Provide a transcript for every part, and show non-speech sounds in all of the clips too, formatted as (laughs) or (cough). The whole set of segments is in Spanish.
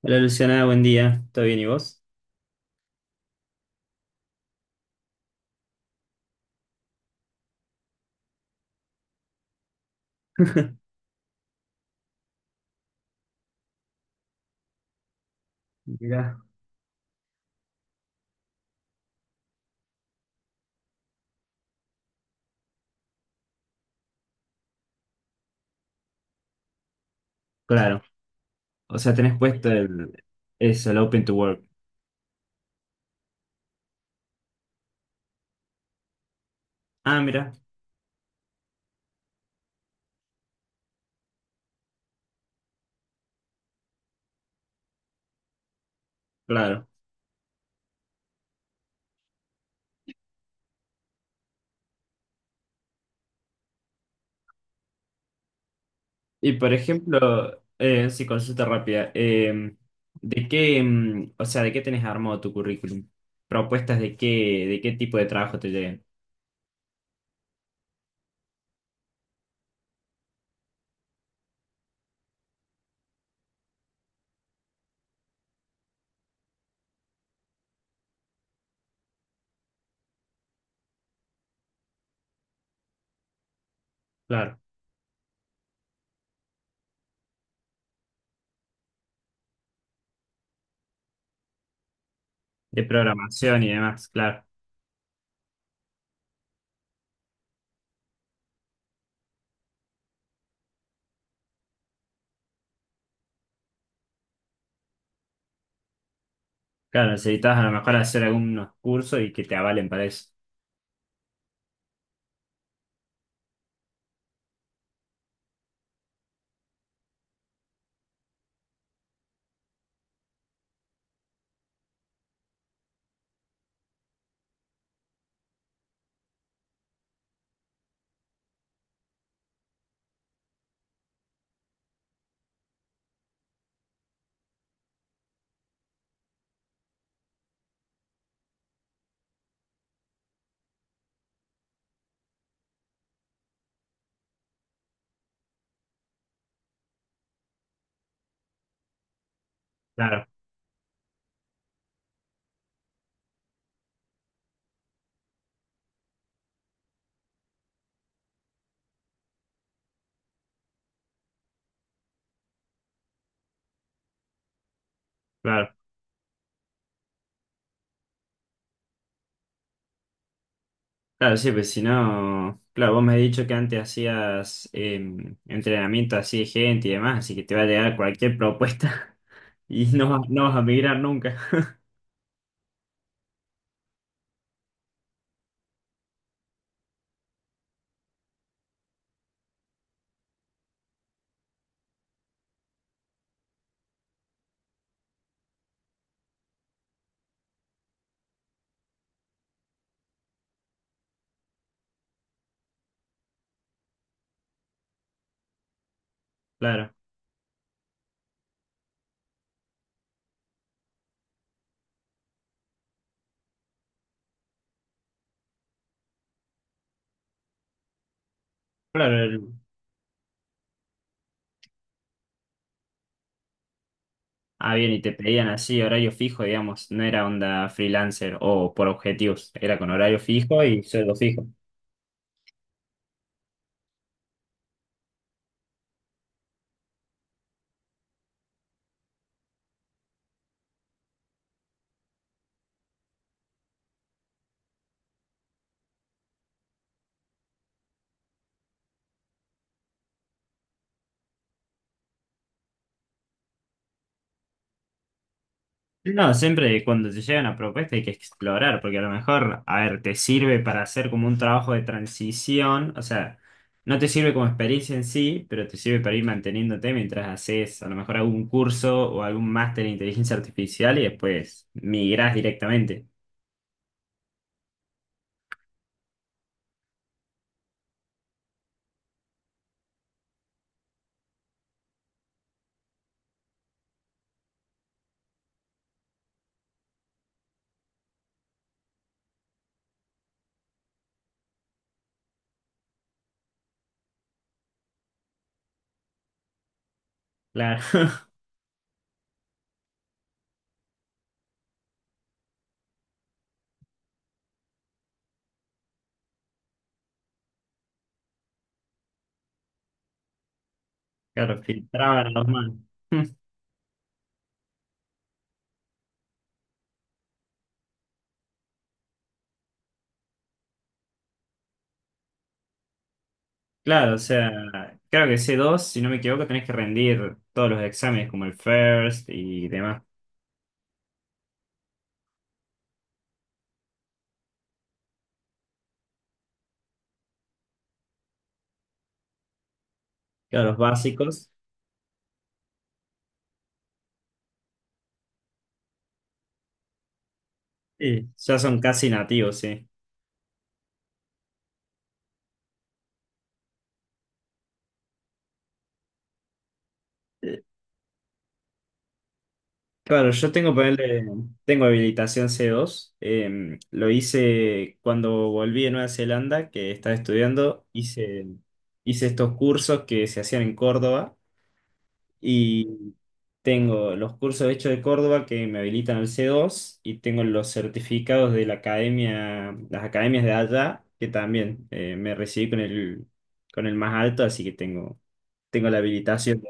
Hola Luciana, buen día. ¿Todo bien y vos? (laughs) Mira. Claro. O sea, tenés puesto el, eso, el Open to Work. Ah, mira, claro. Y por ejemplo, sí, consulta rápida. ¿De qué, o sea, de qué tenés armado tu currículum? ¿Propuestas de qué tipo de trabajo te lleguen? Claro. De programación y demás, claro. Claro, necesitas a lo mejor hacer algunos cursos y que te avalen para eso. Claro, claro. Claro, sí, pues si no, claro, vos me has dicho que antes hacías entrenamiento así de gente y demás, así que te va a llegar cualquier propuesta. (laughs) Y no, no vas a migrar nunca. Claro, claro. Ah, bien, y te pedían así horario fijo, digamos, no era onda freelancer o por objetivos, era con horario fijo y sueldo fijo. No, siempre cuando te llega una propuesta hay que explorar, porque a lo mejor, a ver, te sirve para hacer como un trabajo de transición, o sea, no te sirve como experiencia en sí, pero te sirve para ir manteniéndote mientras haces a lo mejor algún curso o algún máster en inteligencia artificial y después migrás directamente. Claro. (laughs) Claro, filtraban los manos. (laughs) Claro, o sea, creo que C2 si no me equivoco, tenés que rendir todos los exámenes como el FIRST y demás. Claro, los básicos. Sí, ya son casi nativos, sí. Claro, yo tengo, ponerle, tengo habilitación C2. Lo hice cuando volví de Nueva Zelanda, que estaba estudiando. Hice estos cursos que se hacían en Córdoba y tengo los cursos hechos de Córdoba que me habilitan al C2 y tengo los certificados de la academia, las academias de allá, que también me recibí con el más alto, así que tengo, tengo la habilitación.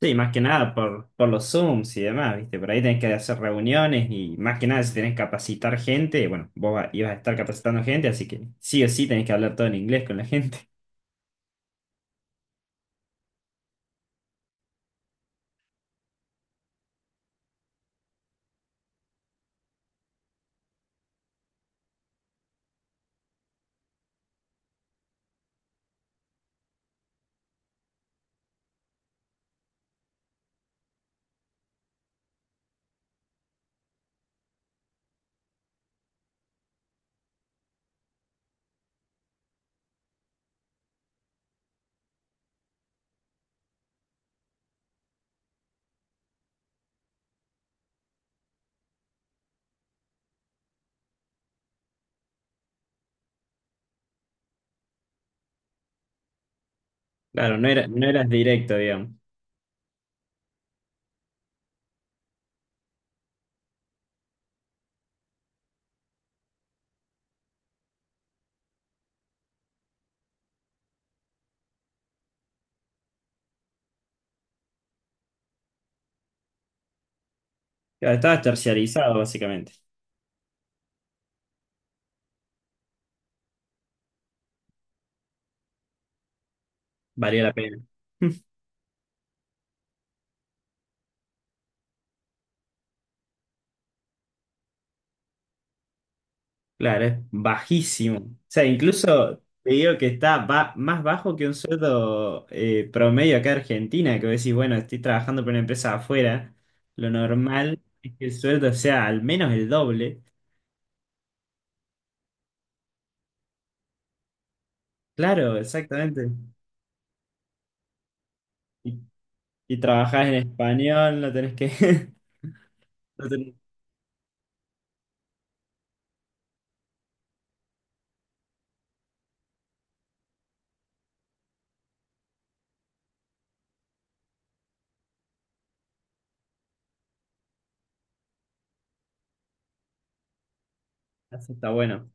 Sí, más que nada por, por los Zooms y demás, ¿viste? Por ahí tenés que hacer reuniones y más que nada si tenés que capacitar gente, bueno, ibas a estar capacitando gente, así que sí o sí tenés que hablar todo en inglés con la gente. (laughs) Claro, no era, no eras directo, digamos. Claro, estabas terciarizado, básicamente. Valía la pena. (laughs) Claro, es bajísimo. O sea, incluso te digo que está más bajo que un sueldo promedio acá en Argentina, que vos decís, bueno, estoy trabajando para una empresa afuera, lo normal es que el sueldo sea al menos el doble. Claro, exactamente. Y, y trabajás en español, no tenés que... (laughs) No tenés. Eso está bueno.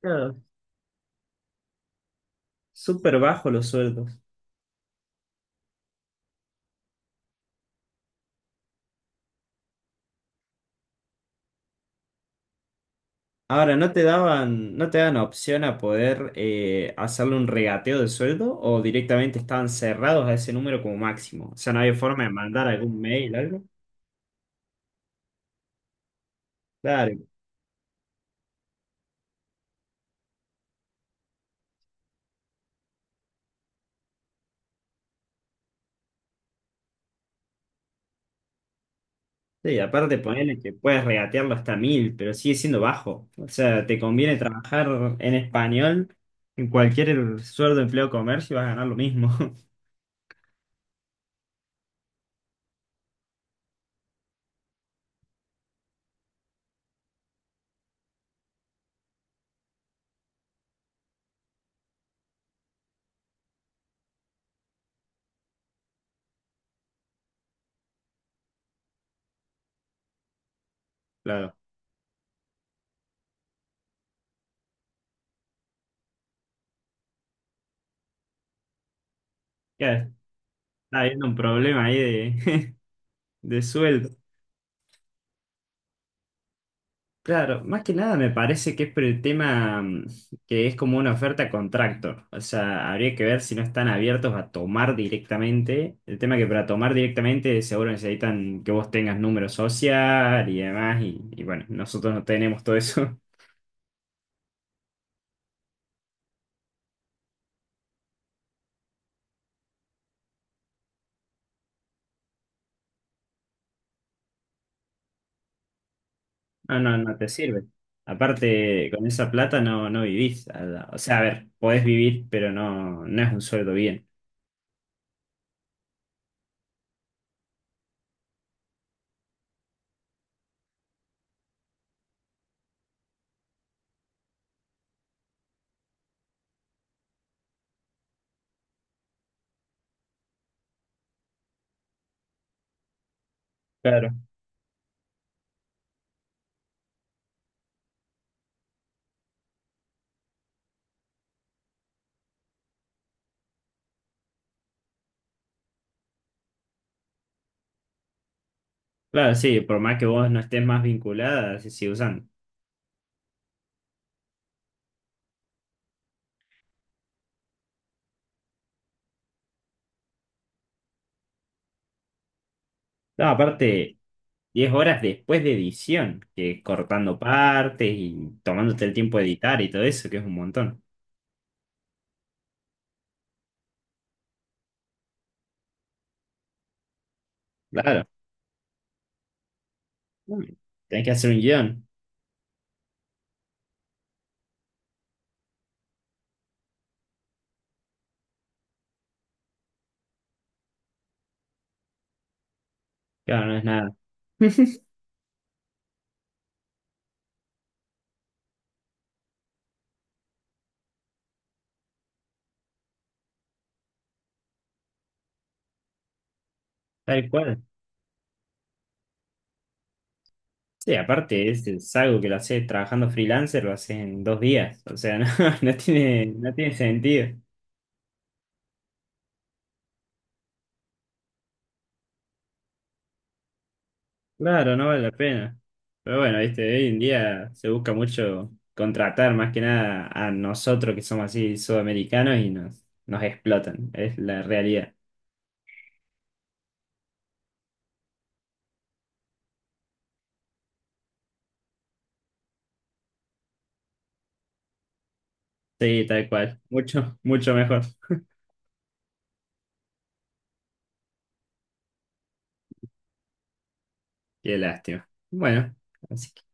Claro, súper bajo los sueldos. Ahora, ¿no te daban, no te dan opción a poder hacerle un regateo de sueldo o directamente estaban cerrados a ese número como máximo? O sea, no había forma de mandar algún mail, algo. Claro, sí, aparte ponerle que puedes regatearlo hasta mil, pero sigue siendo bajo. O sea, te conviene trabajar en español, en cualquier sueldo, empleo, comercio, vas a ganar lo mismo. (laughs) Claro, ya está habiendo un problema ahí de, (laughs) de sueldo. Claro, más que nada me parece que es por el tema que es como una oferta a contrato. O sea, habría que ver si no están abiertos a tomar directamente. El tema que para tomar directamente seguro necesitan que vos tengas número social y demás. Y bueno, nosotros no tenemos todo eso. (laughs) No, no, no te sirve. Aparte, con esa plata no, no vivís. O sea, a ver, podés vivir, pero no, no es un sueldo bien. Claro. Claro, sí, por más que vos no estés más vinculada, se sigue usando. No, aparte, 10 horas después de edición, que es cortando partes y tomándote el tiempo de editar y todo eso, que es un montón. Claro, tenés que hacer un guión. Claro, no es nada. (laughs) Tal cual. Sí, aparte, es algo que lo haces trabajando freelancer, lo haces en 2 días. O sea, (laughs) no, no tiene, no tiene sentido. Claro, no vale la pena. Pero bueno, viste, hoy en día se busca mucho contratar más que nada a nosotros que somos así sudamericanos y nos, nos explotan. Es la realidad. Sí, tal cual. Mucho, mucho mejor. Qué lástima. Bueno, así que.